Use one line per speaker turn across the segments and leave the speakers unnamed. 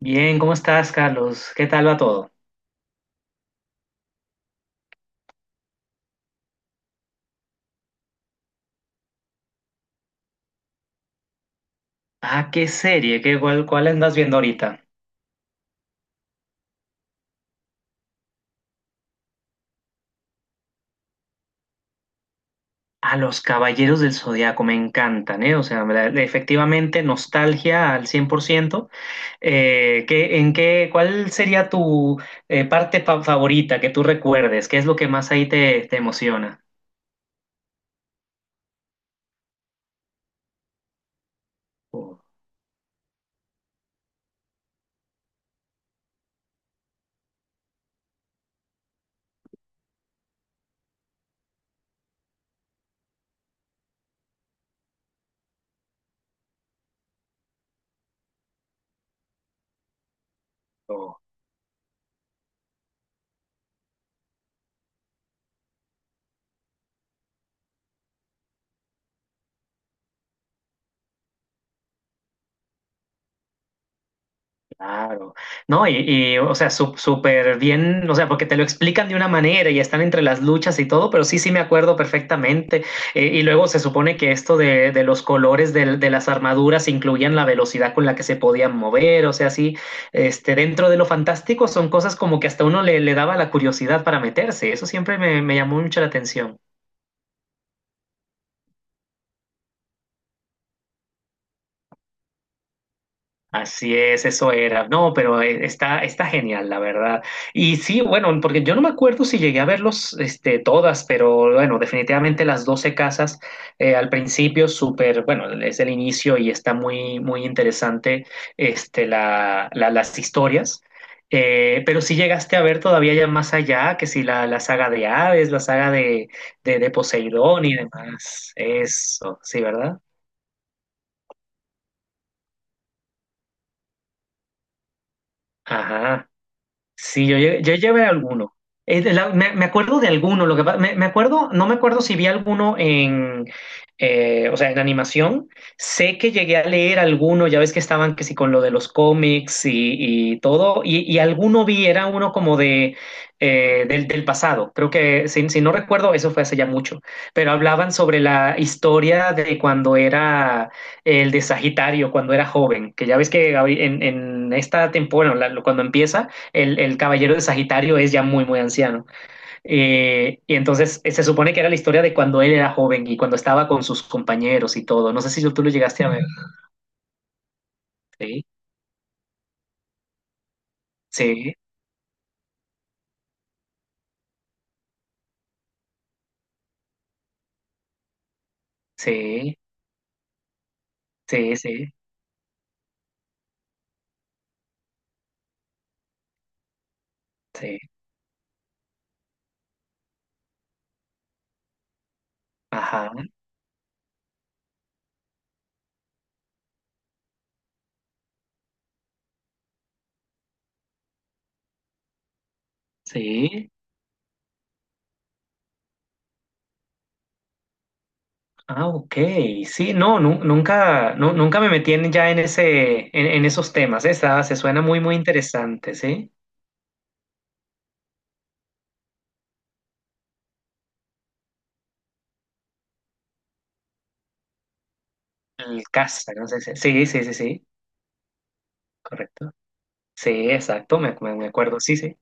Bien, ¿cómo estás, Carlos? ¿Qué tal va todo? Ah, ¿qué serie? ¿Qué, cuál andas viendo ahorita? A los Caballeros del Zodiaco me encantan, ¿eh? O sea, efectivamente, nostalgia al 100%. En qué, cuál sería tu parte favorita que tú recuerdes? ¿Qué es lo que más ahí te emociona? Oh, oh. Claro, no, o sea, súper bien, o sea, porque te lo explican de una manera y están entre las luchas y todo, pero sí, sí me acuerdo perfectamente. Y luego se supone que esto de los colores de, las armaduras incluían la velocidad con la que se podían mover, o sea, sí, dentro de lo fantástico son cosas como que hasta uno le daba la curiosidad para meterse, eso siempre me llamó mucho la atención. Así es, eso era. No, pero está genial, la verdad. Y sí, bueno, porque yo no me acuerdo si llegué a verlos, todas, pero bueno, definitivamente las 12 casas al principio, súper, bueno, es el inicio y está muy, muy interesante, las historias. Pero si llegaste a ver todavía ya más allá, que si la saga de Hades, la saga de Poseidón y demás. Eso, sí, ¿verdad? Ajá. Sí, yo llevé alguno. Me acuerdo de alguno, lo que me acuerdo, no me acuerdo si vi alguno en, o sea, en animación. Sé que llegué a leer alguno, ya ves que estaban que sí con lo de los cómics y todo, y alguno vi, era uno como de del pasado. Creo que, si no recuerdo, eso fue hace ya mucho, pero hablaban sobre la historia de cuando era el de Sagitario, cuando era joven, que ya ves que en esta temporada, cuando empieza el caballero de Sagitario es ya muy, muy anciano. Y entonces se supone que era la historia de cuando él era joven y cuando estaba con sus compañeros y todo. No sé si tú lo llegaste a ver. Sí, sí, sí, sí, sí, sí. Ajá, sí. Ah, ok. Sí, no, nunca, nunca me metí ya en ese, en esos temas. ¿Eh? Se suena muy, muy interesante, ¿sí? El casa, no sé Sí, sí, sí, sí. Correcto. Sí, exacto, me acuerdo. Sí, sí.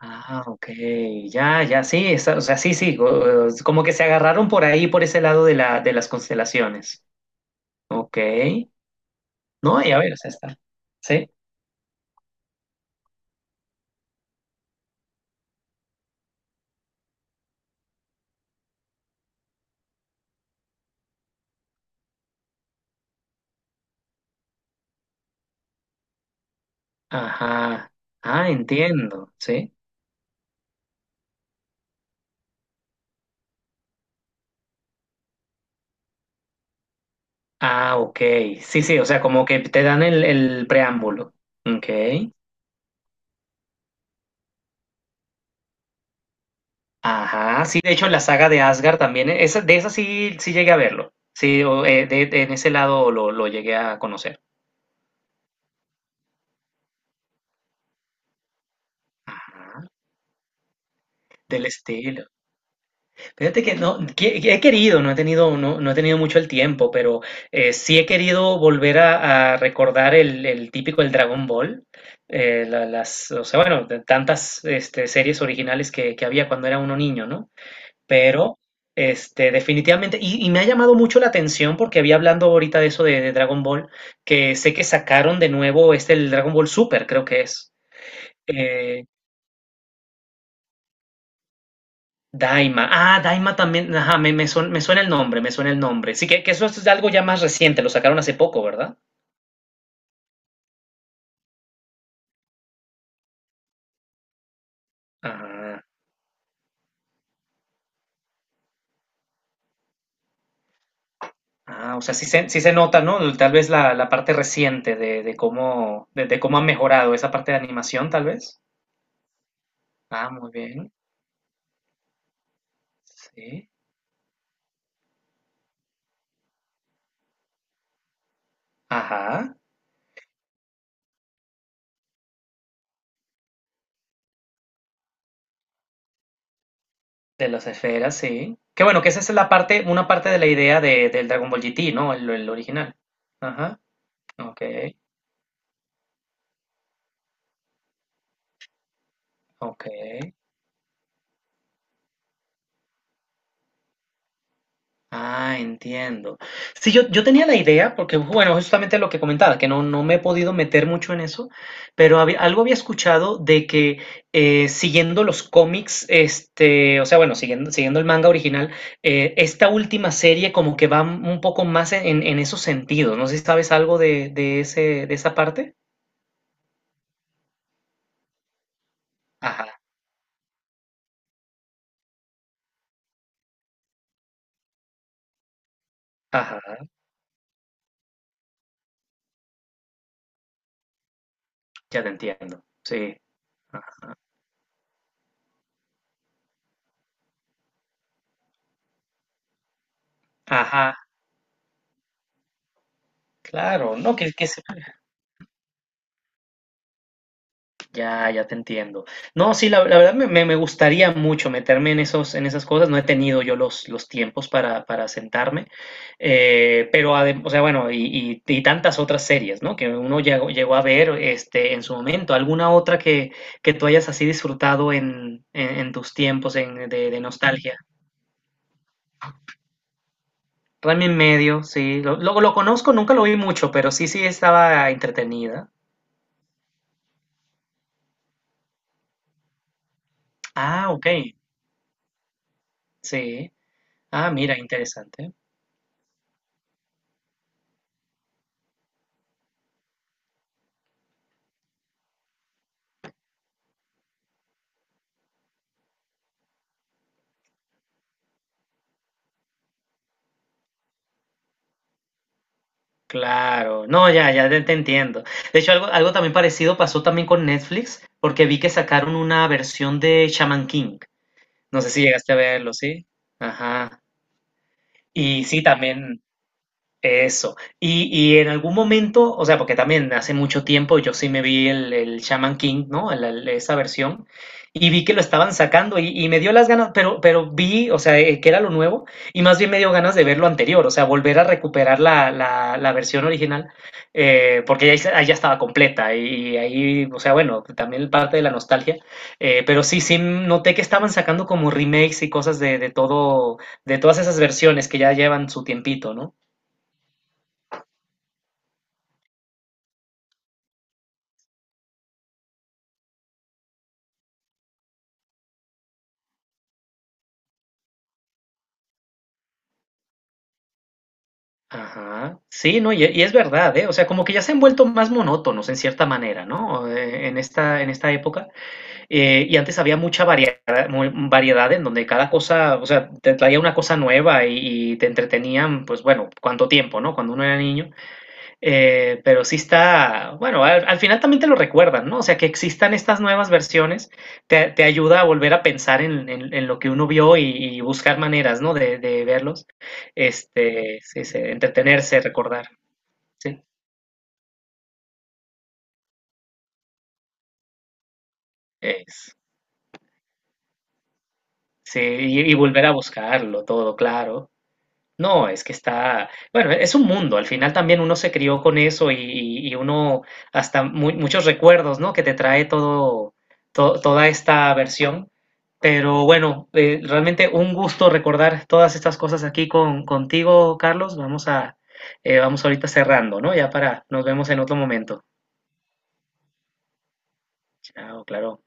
Ah, ok, ya, ya, sí, o sea, sí, sí, como que se agarraron por ahí, por ese lado de la, de las constelaciones. Ok, no, y a ver, o sea, está. Sí, ajá, ah, entiendo, sí. Ah, ok, sí, sí, o sea, como que te dan el preámbulo. Ok, ajá, sí, de hecho, la saga de Asgard también, esa, de esa sí, sí llegué a verlo. Sí, o, en ese lado lo llegué a conocer. Ajá, del estilo. Fíjate que no, que he querido, no he tenido, no he tenido mucho el tiempo, pero sí he querido volver a recordar el típico el Dragon Ball, las, o sea, bueno, de tantas series originales que había cuando era uno niño, ¿no? Pero, definitivamente, y me ha llamado mucho la atención porque había hablando ahorita de eso de Dragon Ball, que sé que sacaron de nuevo el Dragon Ball Super, creo que es. eh, Daima. Ah, Daima también. Ajá, me suena el nombre, me suena el nombre. Sí, que eso es algo ya más reciente, lo sacaron hace poco, ¿verdad? Ah, ah, o sea, sí se nota, ¿no? Tal vez la parte reciente de cómo, de cómo ha mejorado esa parte de animación, tal vez. Ah, muy bien. Sí. Ajá. De las esferas, sí. Que bueno, que esa es la parte, una parte de la idea de, del Dragon Ball GT, ¿no? El original. Ajá. Ok, ok. Ah, entiendo. Sí, yo tenía la idea, porque bueno, justamente lo que comentaba, que no me he podido meter mucho en eso, pero algo había escuchado de que siguiendo los cómics, o sea, bueno, siguiendo el manga original, esta última serie como que va un poco más en, en esos sentidos. No sé si sabes algo de ese, de esa parte. Ajá, ajá, ya te entiendo. Sí. Ajá, claro, no, que Ya, ya te entiendo. No, sí, la verdad me gustaría mucho meterme en esos, en esas cosas. No he tenido yo los tiempos para sentarme. Pero, o sea, bueno, y tantas otras series, ¿no? Que uno llegó a ver en su momento. ¿Alguna otra que tú hayas así disfrutado en, en tus tiempos de nostalgia? Rami en medio, sí. Lo conozco, nunca lo vi mucho, pero sí, sí estaba entretenida. Ah, ok. Sí. Ah, mira, interesante. Claro, no, ya, ya te entiendo. De hecho, algo también parecido pasó también con Netflix, porque vi que sacaron una versión de Shaman King. No sé si llegaste a verlo, ¿sí? Ajá. Y sí, también. Eso. Y en algún momento, o sea, porque también hace mucho tiempo yo sí me vi el Shaman King, ¿no? Esa versión, y vi que lo estaban sacando y me dio las ganas, pero vi, o sea, que era lo nuevo, y más bien me dio ganas de ver lo anterior, o sea, volver a recuperar la versión original, porque ya, ahí ya estaba completa, y, ahí, o sea, bueno, también parte de la nostalgia, pero sí, sí noté que estaban sacando como remakes y cosas de todo, de todas esas versiones que ya llevan su tiempito, ¿no? Ajá. Sí, no, y es verdad, ¿eh? O sea, como que ya se han vuelto más monótonos en cierta manera, ¿no? En esta época. Y antes había mucha variedad, variedad en donde cada cosa, o sea, te traía una cosa nueva y te entretenían, pues bueno, cuánto tiempo, ¿no? Cuando uno era niño. Pero sí está, bueno, al final también te lo recuerdan, ¿no? O sea, que existan estas nuevas versiones te ayuda a volver a pensar en, en lo que uno vio y buscar maneras, ¿no? De verlos, sí, sí, entretenerse, recordar, sí, es- sí, y volver a buscarlo todo, claro. No, es que está, bueno, es un mundo, al final también uno se crió con eso y uno hasta muchos recuerdos, ¿no? Que te trae todo, toda esta versión. Pero bueno, realmente un gusto recordar todas estas cosas aquí con, contigo, Carlos. Vamos ahorita cerrando, ¿no? Ya para, nos vemos en otro momento. Chao, claro.